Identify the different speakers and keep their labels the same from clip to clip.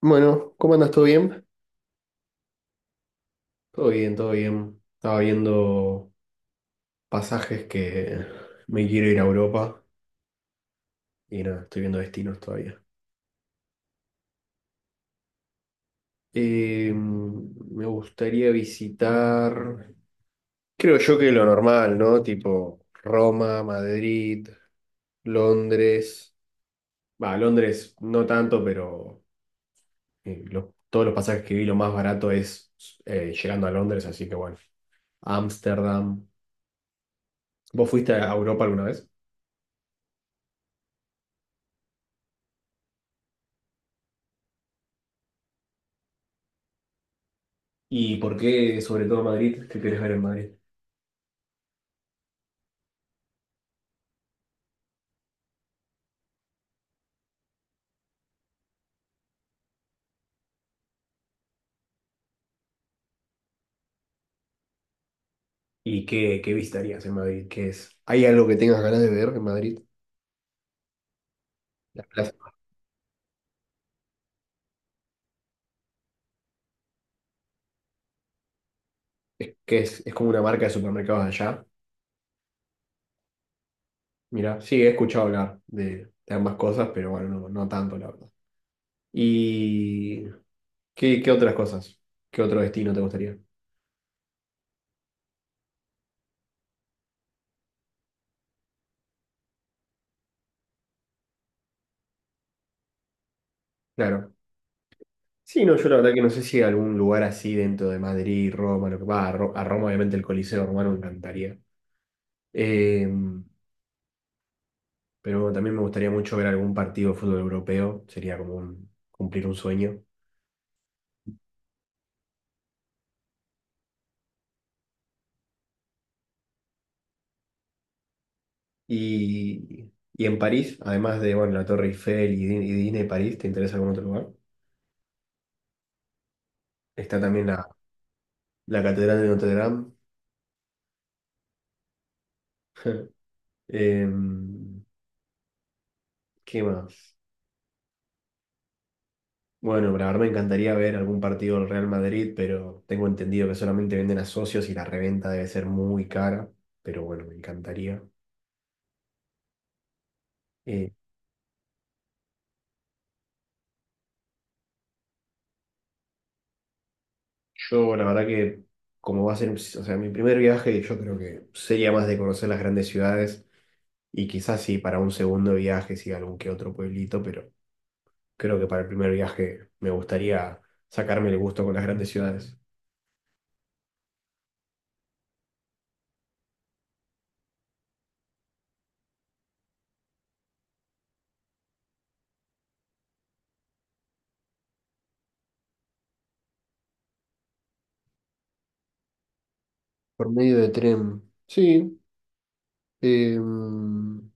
Speaker 1: Bueno, ¿cómo andas? ¿Todo bien? Todo bien, todo bien. Estaba viendo pasajes que me quiero ir a Europa y nada, estoy viendo destinos todavía. Me gustaría visitar, creo yo que lo normal, ¿no? Tipo Roma, Madrid, Londres. Va, Londres no tanto, pero todos los pasajes que vi lo más barato es, llegando a Londres, así que bueno. Ámsterdam. ¿Vos fuiste a Europa alguna vez? ¿Y por qué, sobre todo Madrid? ¿Qué querés ver en Madrid? ¿Y qué visitarías en Madrid? ¿Qué es? ¿Hay algo que tengas ganas de ver en Madrid? La plaza. Es que es como una marca de supermercados allá. Mira, sí, he escuchado hablar de ambas cosas, pero bueno, no, no tanto, la verdad. ¿Y qué otras cosas? ¿Qué otro destino te gustaría? Claro. Sí, no, yo la verdad que no sé si hay algún lugar así dentro de Madrid, Roma, lo que va, a, a Roma obviamente el Coliseo Romano me encantaría. Em, Pero también me gustaría mucho ver algún partido de fútbol europeo, sería como cumplir un sueño. Y, y en París, además de bueno, la Torre Eiffel y Disney París, ¿te interesa algún otro lugar? Está también la, la Catedral de Notre Dame. Em, ¿Qué más? Bueno, la verdad me encantaría ver algún partido del Real Madrid, pero tengo entendido que solamente venden a socios y la reventa debe ser muy cara. Pero bueno, me encantaría. Yo, la verdad que, como va a ser, o sea, mi primer viaje, yo creo que sería más de conocer las grandes ciudades y quizás sí para un segundo viaje, sí, algún que otro pueblito, pero creo que para el primer viaje me gustaría sacarme el gusto con las grandes ciudades. Por medio de tren. Sí. em,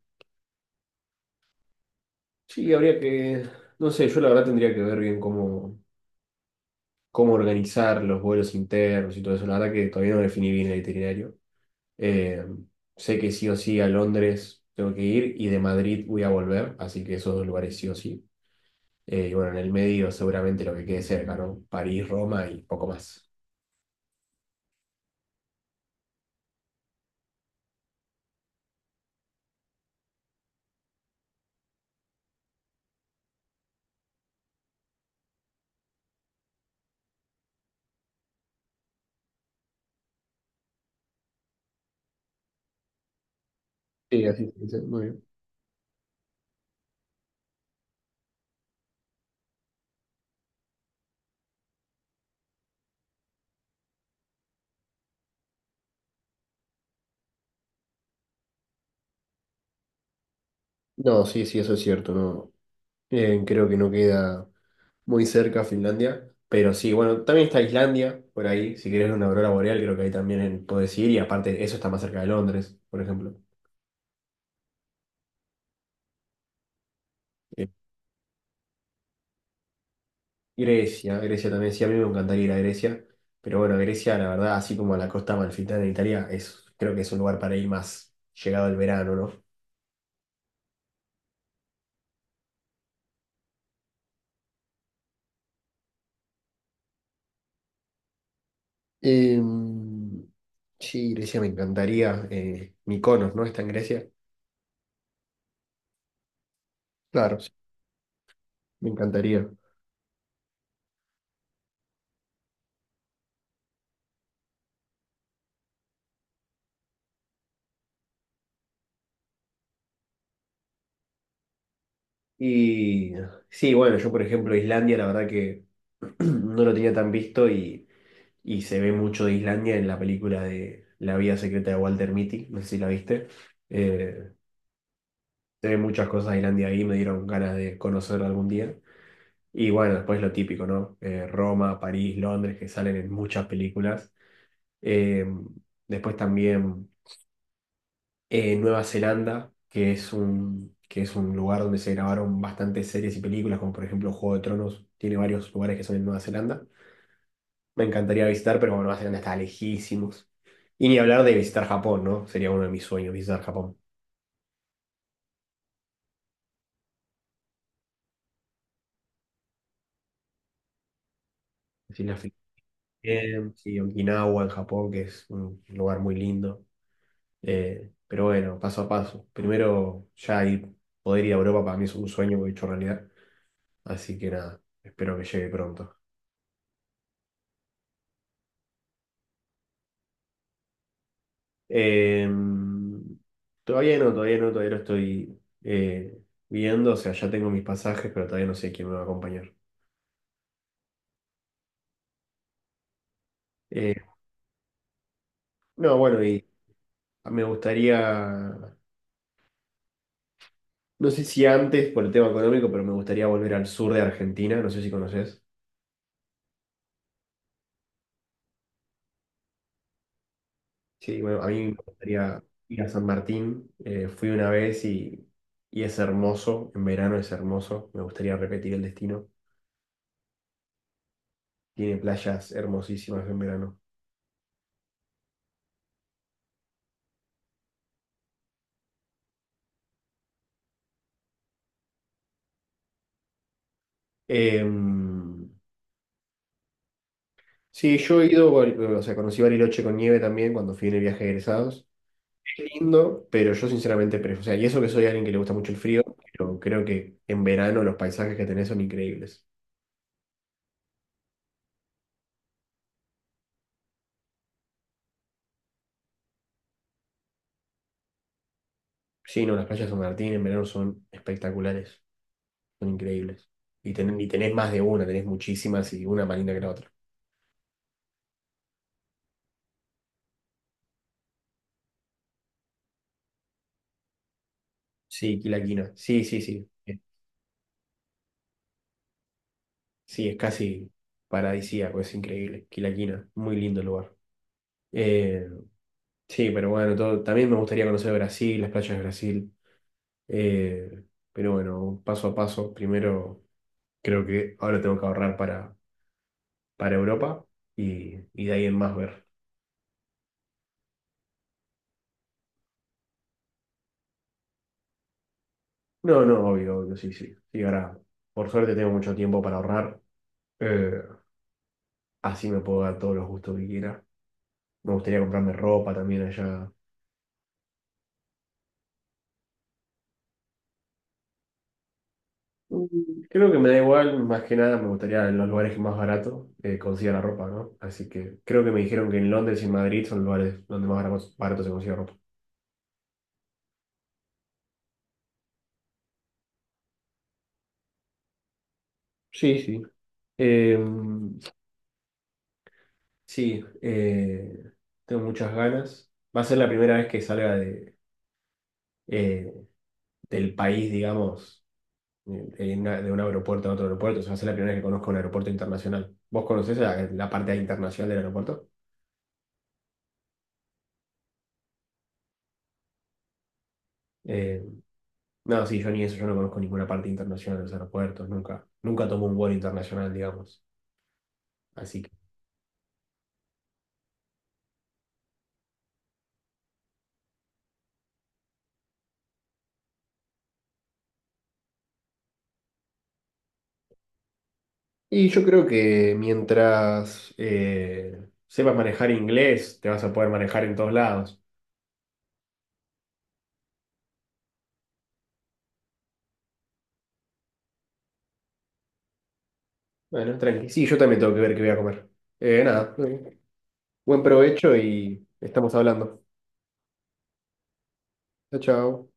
Speaker 1: Sí, habría que, no sé, yo la verdad tendría que ver bien cómo, cómo organizar los vuelos internos y todo eso. La verdad que todavía no definí bien el itinerario. Eh, Sé que sí o sí a Londres tengo que ir y de Madrid voy a volver, así que esos dos lugares sí o sí. Y bueno, en el medio seguramente lo que quede cerca, ¿no? París, Roma y poco más. Sí, así se dice, muy bien. No, sí, sí, eso es cierto, no. Creo que no queda muy cerca Finlandia, pero sí, bueno, también está Islandia por ahí, si querés una aurora boreal, creo que ahí también podés ir y aparte eso está más cerca de Londres, por ejemplo. Eh, Grecia, Grecia también, sí, a mí me encantaría ir a Grecia, pero bueno, Grecia, la verdad, así como a la costa amalfitana de Italia, es, creo que es un lugar para ir más llegado el verano, ¿no? Em, sí, Grecia me encantaría, Mykonos, ¿no? Está en Grecia. Claro. Sí, me encantaría. Y sí, bueno, yo por ejemplo, Islandia, la verdad que no lo tenía tan visto y se ve mucho de Islandia en la película de La vida secreta de Walter Mitty, no sé si la viste. Eh, Sé muchas cosas de Islandia ahí, me dieron ganas de conocer algún día. Y bueno, después lo típico, ¿no? Roma, París, Londres, que salen en muchas películas. Eh, después también Nueva Zelanda, que es que es un lugar donde se grabaron bastantes series y películas, como por ejemplo Juego de Tronos, tiene varios lugares que son en Nueva Zelanda. Me encantaría visitar, pero bueno, Nueva Zelanda está lejísimos. Y ni hablar de visitar Japón, ¿no? Sería uno de mis sueños, visitar Japón. Las Islas Fiji, sí, Okinawa en Japón, que es un lugar muy lindo. Pero bueno, paso a paso. Primero, ya ir, poder ir a Europa para mí es un sueño hecho realidad. Así que nada, espero que llegue pronto. Eh, Todavía no, todavía no, todavía lo estoy viendo. O sea, ya tengo mis pasajes, pero todavía no sé quién me va a acompañar. Eh, no, bueno, y me gustaría, no sé si antes por el tema económico, pero me gustaría volver al sur de Argentina. No sé si conoces. Sí, bueno, a mí me gustaría ir a San Martín. Fui una vez y es hermoso. En verano es hermoso. Me gustaría repetir el destino. Tiene playas hermosísimas en verano. Em, sí, yo he ido, o sea, conocí Bariloche con nieve también cuando fui en el viaje de egresados. Qué lindo, pero yo sinceramente prefiero, o sea, y eso que soy alguien que le gusta mucho el frío, pero creo que en verano los paisajes que tenés son increíbles. Sí, no, las playas de San Martín en verano son espectaculares. Son increíbles. Y, y tenés más de una, tenés muchísimas y una más linda que la otra. Sí, Quilaquina. Sí, sí, sí. Sí, es casi paradisíaco, es increíble. Quilaquina, muy lindo el lugar. Eh, sí, pero bueno, todo, también me gustaría conocer Brasil, las playas de Brasil. Eh, pero bueno, paso a paso. Primero, creo que ahora tengo que ahorrar para Europa y de ahí en más ver. No, no, obvio, obvio, sí, sí. Sí, ahora, por suerte tengo mucho tiempo para ahorrar. Eh, Así me puedo dar todos los gustos que quiera. Me gustaría comprarme ropa también allá. Mm, creo que me da igual, más que nada me gustaría en los lugares que más barato consiga la ropa, ¿no? Así que creo que me dijeron que en Londres y en Madrid son lugares donde más barato, barato se consigue ropa. Sí, sí. Eh, sí, eh, Tengo muchas ganas. Va a ser la primera vez que salga de, eh, del país, digamos, de, de un aeropuerto a otro aeropuerto. O sea, va a ser la primera vez que conozco un aeropuerto internacional. ¿Vos conocés la, la parte internacional del aeropuerto? Eh, no, sí, yo ni eso, yo no conozco ninguna parte internacional de los aeropuertos, nunca, nunca tomo un vuelo internacional, digamos. Así que. Y yo creo que mientras sepas manejar inglés, te vas a poder manejar en todos lados. Bueno, tranqui. Sí, yo también tengo que ver qué voy a comer. Nada, Buen provecho y estamos hablando. Chao, chao.